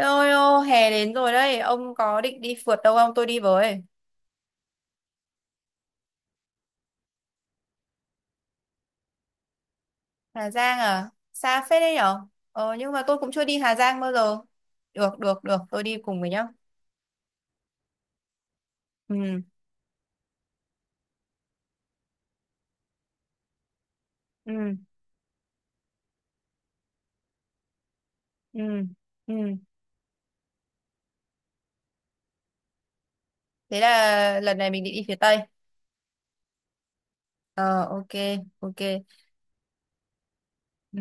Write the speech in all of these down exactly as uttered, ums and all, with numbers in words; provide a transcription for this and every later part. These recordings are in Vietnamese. Ôi ô, hè đến rồi đấy, ông có định đi phượt đâu không? Tôi đi với. Hà Giang à? Xa phết đấy nhở? Ờ, nhưng mà tôi cũng chưa đi Hà Giang bao giờ. Được, được, được, tôi đi cùng với nhá. Ừ, ừ, ừ, ừ. Thế là lần này mình định đi phía Tây. Ờ, ok, ok. Ừ.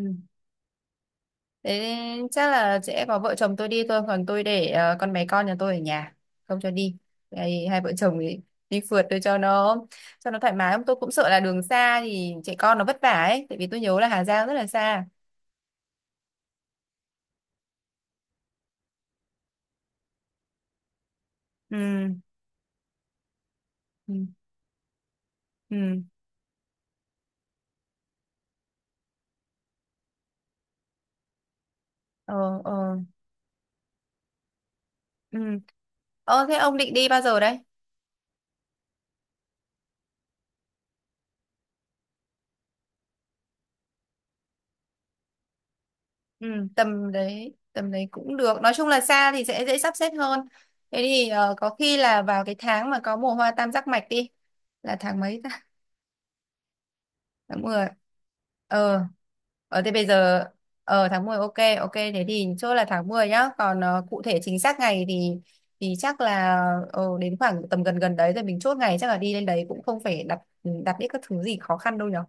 Thế chắc là sẽ có vợ chồng tôi đi thôi, còn tôi để ờ, con bé con nhà tôi ở nhà, không cho đi. Đây, hai vợ chồng thì đi phượt, tôi cho nó cho nó thoải mái. Tôi cũng sợ là đường xa thì trẻ con nó vất vả ấy, tại vì tôi nhớ là Hà Giang rất là xa. Ừ, ừ, ừ. Ờ, ờ. Ừ. Ờ, thế ông định đi bao giờ đấy? Ừ, tầm đấy tầm đấy cũng được, nói chung là xa thì sẽ dễ sắp xếp hơn. Thế thì ờ, có khi là vào cái tháng mà có mùa hoa tam giác mạch đi, là tháng mấy ta? Tháng mười. Ờ, ờ, thế bây giờ, ờ tháng mười ok. Ok, thế thì chốt là tháng mười nhá, còn ờ, cụ thể chính xác ngày thì thì chắc là ờ, đến khoảng tầm gần gần đấy rồi mình chốt ngày. Chắc là đi lên đấy cũng không phải đặt, ừ, đặt những các thứ gì khó khăn đâu nhở.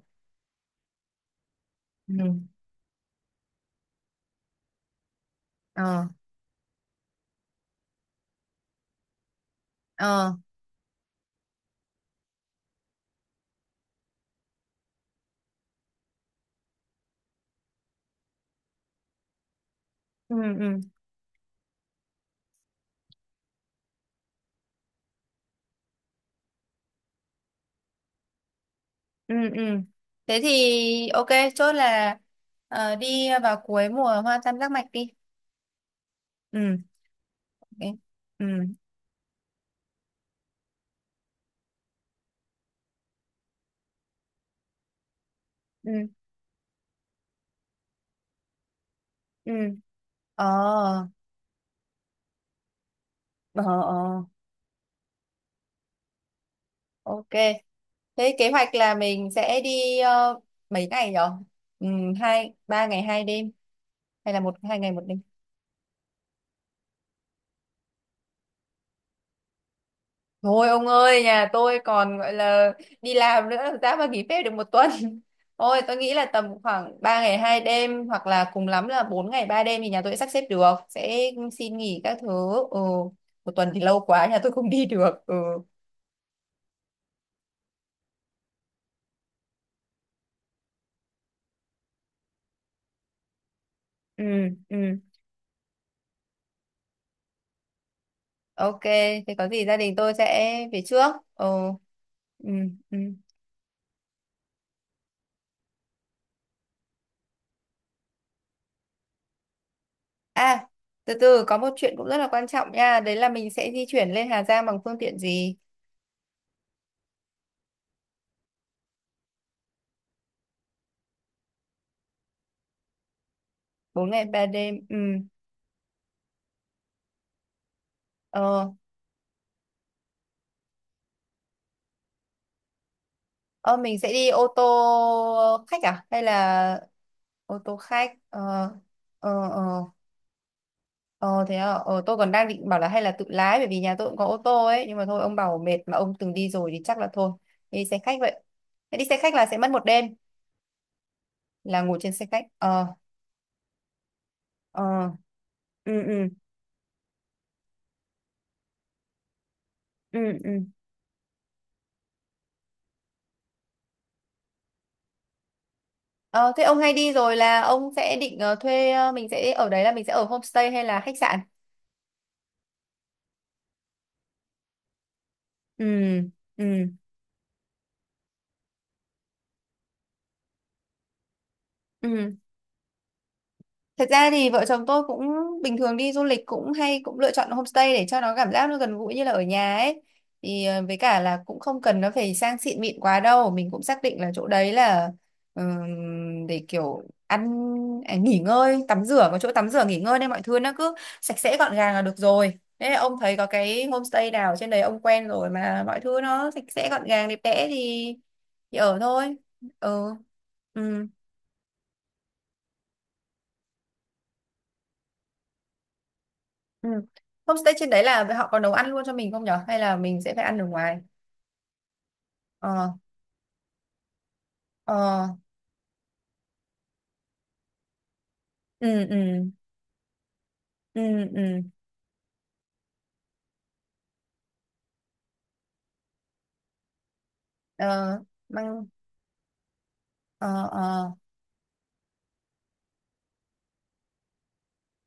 Ừ. Ờ, ờ. Ừ, ừ, ừ, ừ. Thế thì ok, chốt là ờ, đi vào cuối mùa hoa tam giác mạch đi. Ừ, ok. Ừ, ừ, ừ. Ờ, ờ, ờ. Ok. Thế kế hoạch là mình sẽ đi ờ, mấy ngày nhở? Ừ, hai ba ngày hai đêm, hay là một hai ngày một đêm? Thôi ông ơi, nhà tôi còn gọi là đi làm nữa, làm sao mà nghỉ phép được một tuần. Ôi, tôi nghĩ là tầm khoảng ba ngày hai đêm hoặc là cùng lắm là bốn ngày ba đêm thì nhà tôi sẽ sắp xếp được, sẽ xin nghỉ các thứ. Ừ, một tuần thì lâu quá, nhà tôi không đi được. Ừ. Ừ, ừ. Ok, thế có gì gia đình tôi sẽ về trước. Ừ. Ừ, ừ. À, từ từ, có một chuyện cũng rất là quan trọng nha, đấy là mình sẽ di chuyển lên Hà Giang bằng phương tiện gì? Bốn ngày ba đêm. Ừ. Ờ, ờ, mình sẽ đi ô tô khách à, hay là ô tô khách? Ờ, ờ, ờ, ờ, thế à? Ờ, tôi còn đang định bảo là hay là tự lái, bởi vì nhà tôi cũng có ô tô ấy, nhưng mà thôi ông bảo mệt, mà ông từng đi rồi thì chắc là thôi. Đi xe khách vậy. Thế đi xe khách là sẽ mất một đêm, là ngủ trên xe khách. Ờ, ờ, ừ, ừ, ừ, ừ. Ờ, thế ông hay đi rồi là ông sẽ định ờ, thuê, ờ, mình sẽ ở đấy là mình sẽ ở homestay hay là khách sạn? Ừ, ừ, ừ. Thật ra thì vợ chồng tôi cũng bình thường đi du lịch cũng hay cũng lựa chọn homestay để cho nó cảm giác nó gần gũi như là ở nhà ấy. Thì ờ, với cả là cũng không cần nó phải sang xịn mịn quá đâu, mình cũng xác định là chỗ đấy là, ừm, để kiểu ăn, à, nghỉ ngơi, tắm rửa, có chỗ tắm rửa nghỉ ngơi, nên mọi thứ nó cứ sạch sẽ gọn gàng là được rồi. Thế ông thấy có cái homestay nào trên đấy ông quen rồi mà mọi thứ nó sạch sẽ gọn gàng đẹp đẽ thì, thì ở thôi. Ừ. Ừ. Ừ. Homestay trên đấy là họ có nấu ăn luôn cho mình không nhở? Hay là mình sẽ phải ăn ở ngoài? Ờ, ờ, ừ, ừ, ừ, ừ, ờ, mang, ờ, ờ,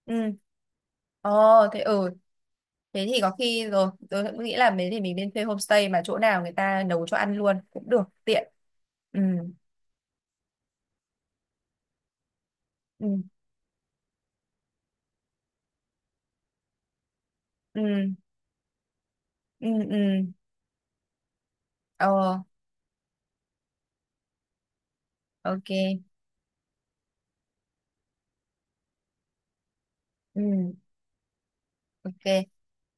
ừ, ờ, thế ừ, thế thì có khi rồi, tôi cũng nghĩ là mấy thì mình nên thuê homestay mà chỗ nào người ta nấu cho ăn luôn cũng được, tiện. Ừ, ừ, ừ, ừ, ừ, ờ, ok, ừ. Ok,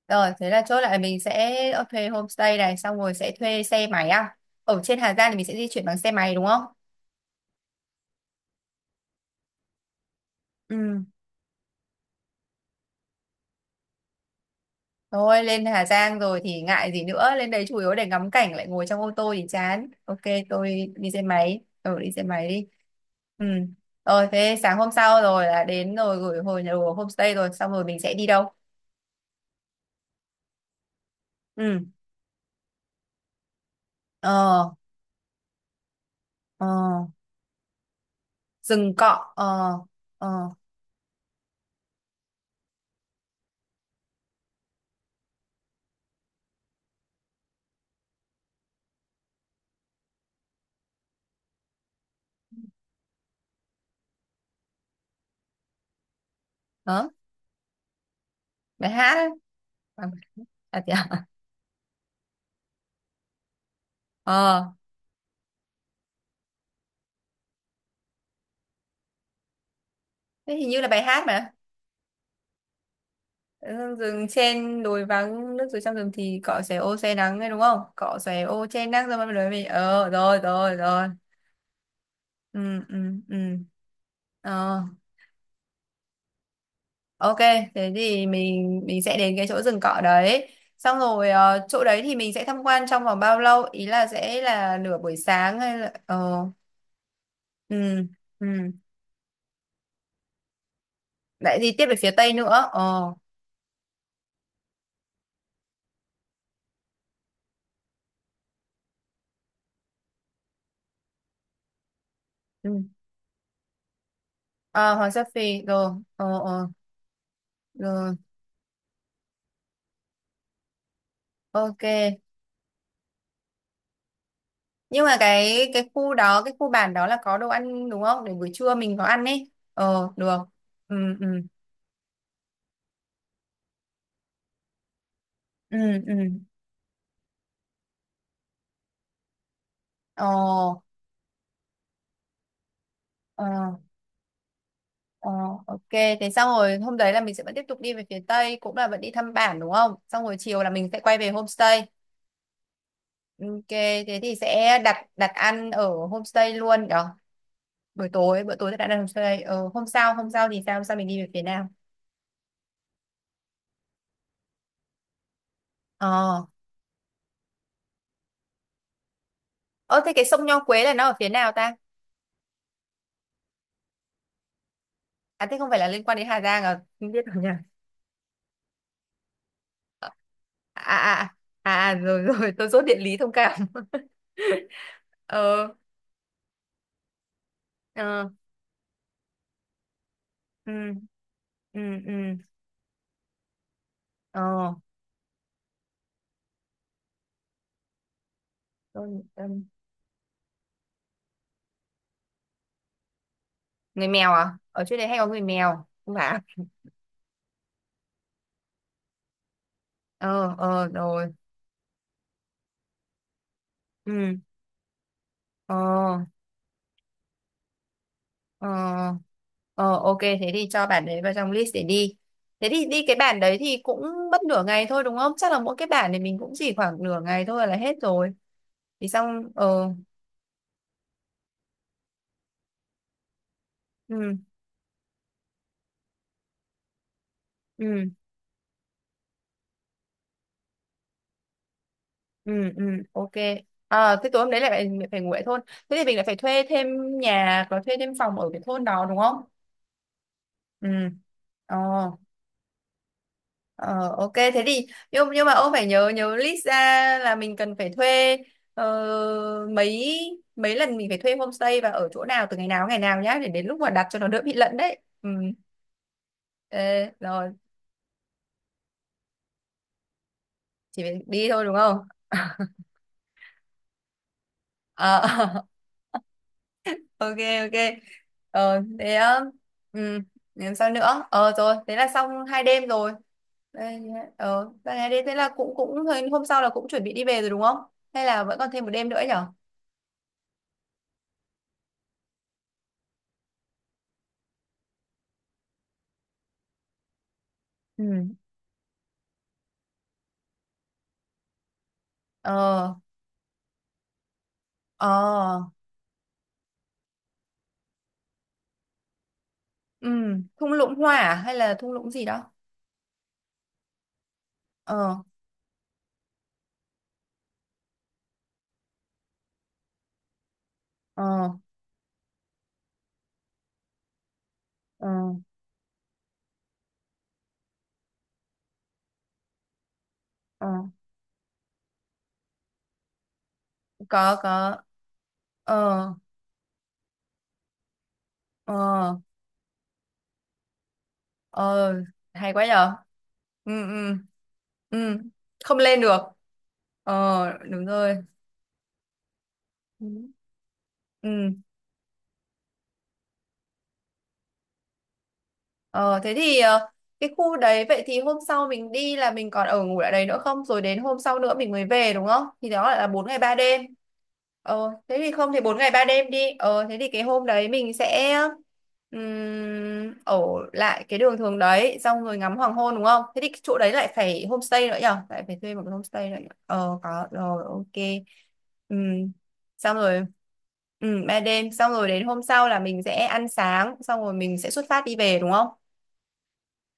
rồi thế là chốt lại mình sẽ ờ, thuê homestay này, xong rồi sẽ thuê xe máy à, ở trên Hà Giang thì mình sẽ di chuyển bằng xe máy đúng không? Ừ. Thôi lên Hà Giang rồi thì ngại gì nữa, lên đấy chủ yếu để ngắm cảnh, lại ngồi trong ô tô thì chán. Ok, tôi đi xe máy, ừ đi xe máy đi. Ừ, rồi thế sáng hôm sau rồi là đến rồi gửi hồi nhà đồ homestay rồi, xong rồi mình sẽ đi đâu? Ừ. Ờ, ờ, rừng cọ, ờ, ờ, hả, bài hát ấy. À, à, thế à? Ờ. Thế hình như là bài hát mà, ừ, rừng trên đồi vắng nước dưới trong rừng thì cỏ xẻ ô che nắng đấy đúng không, cỏ xẻ ô che nắng, rồi bắt đầu mình ờ, rồi rồi rồi. Ừ, ừ, ừ, ờ, ok. Thế thì mình mình sẽ đến cái chỗ rừng cỏ đấy, xong rồi ờ, chỗ đấy thì mình sẽ tham quan trong vòng bao lâu, ý là sẽ là nửa buổi sáng hay là ờ. Ừ, ừ. Lại đi tiếp về phía tây nữa, ờ. Ừ. À, Hoàng Sa Phi rồi, ờ, ờ. Rồi, ok. Nhưng mà cái cái khu đó, cái khu bản đó là có đồ ăn đúng không, để buổi trưa mình có ăn ấy, ờ, được. Ừ, ừ, ừ, ừ, ờ, ờ, ờ, ok. Thế xong rồi hôm đấy là mình sẽ vẫn tiếp tục đi về phía tây, cũng là vẫn đi thăm bản đúng không, xong rồi chiều là mình sẽ quay về homestay. Ok, thế thì sẽ đặt đặt ăn ở homestay luôn đó. Buổi tối bữa tối sẽ đặt ăn ở homestay. Ờ, hôm sau hôm sau thì sao, hôm sau mình đi về phía nào? Ờ, ờ, thế cái sông Nho Quế là nó ở phía nào ta? À, thế không phải là liên quan đến Hà Giang à, không biết nhỉ. À, à, à, à, rồi rồi tôi dốt địa lý thông cảm. Ờ, ờ, ừ, ừ, ừ, ờ, tôi, tôi- người mèo à, ở chỗ đấy hay có người mèo, không phải à? Ờ, ờ, rồi, ừ, ờ, ờ, ờ, ok, thế thì cho bản đấy vào trong list để đi. Thế thì đi cái bản đấy thì cũng mất nửa ngày thôi đúng không, chắc là mỗi cái bản này mình cũng chỉ khoảng nửa ngày thôi là hết rồi, thì xong ờ. Ừ, ừ, ừ, ừ, ok. À, thế tối hôm đấy lại phải, phải ngủ ở thôn. Thế thì mình lại phải thuê thêm nhà và thuê thêm phòng ở cái thôn đó đúng không? Ừ, ờ, ờ, ok, thế thì, nhưng nhưng mà ông phải nhớ nhớ list ra là mình cần phải thuê, ờ, mấy mấy lần mình phải thuê homestay, và ở chỗ nào từ ngày nào ngày nào nhá, để đến lúc mà đặt cho nó đỡ bị lẫn đấy. Ừ. Ê, rồi chỉ phải đi thôi đúng không? Ờ, ok, ok. Ờ, thế ờ, ừ, làm sao nữa, ờ rồi thế là xong hai đêm rồi. Đây, ờ vậy hai đêm thế là cũng cũng hôm sau là cũng chuẩn bị đi về rồi đúng không, hay là vẫn còn thêm một đêm nữa nhở? Ừ. Ờ, ờ, ừ. Thung lũng hoa à, hay là thung lũng gì đó? Ờ, ờ, ờ, ờ, có có ờ, ờ, ờ, hay quá nhở. Ừ, ừ, ừ, không lên được, ờ đúng rồi. Ừ. Ừ. Ờ thế thì ờ, cái khu đấy, vậy thì hôm sau mình đi là mình còn ở ngủ lại đấy nữa không? Rồi đến hôm sau nữa mình mới về đúng không? Thì đó lại là bốn ngày ba đêm. Ờ thế thì không thì bốn ngày ba đêm đi. Ờ thế thì cái hôm đấy mình sẽ ừm, ở lại cái đường thường đấy xong rồi ngắm hoàng hôn đúng không? Thế thì cái chỗ đấy lại phải homestay nữa nhở? Lại phải thuê một cái homestay nữa. Nhở? Ờ có rồi, ok. Ừm, xong rồi. Ừ, ba đêm xong rồi, đến hôm sau là mình sẽ ăn sáng xong rồi mình sẽ xuất phát đi về đúng không?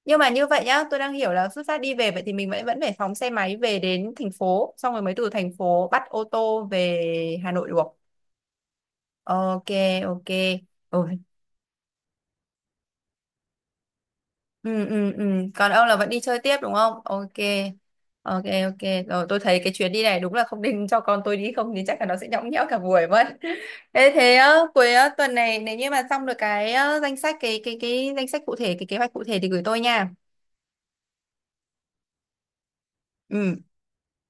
Nhưng mà như vậy nhá, tôi đang hiểu là xuất phát đi về, vậy thì mình vẫn vẫn phải phóng xe máy về đến thành phố, xong rồi mới từ thành phố bắt ô tô về Hà Nội được. Ok, ok. Ôi, ừ, ừ, ừ. Còn ông là vẫn đi chơi tiếp đúng không, ok. Ok, ok, rồi tôi thấy cái chuyến đi này đúng là không định cho con tôi đi, không thì chắc là nó sẽ nhõng nhẽo cả buổi mất. Thế thế á, cuối á, tuần này nếu như mà xong được cái á, danh sách, cái cái cái danh sách cụ thể, cái kế hoạch cụ thể thì gửi tôi nha. Ừ.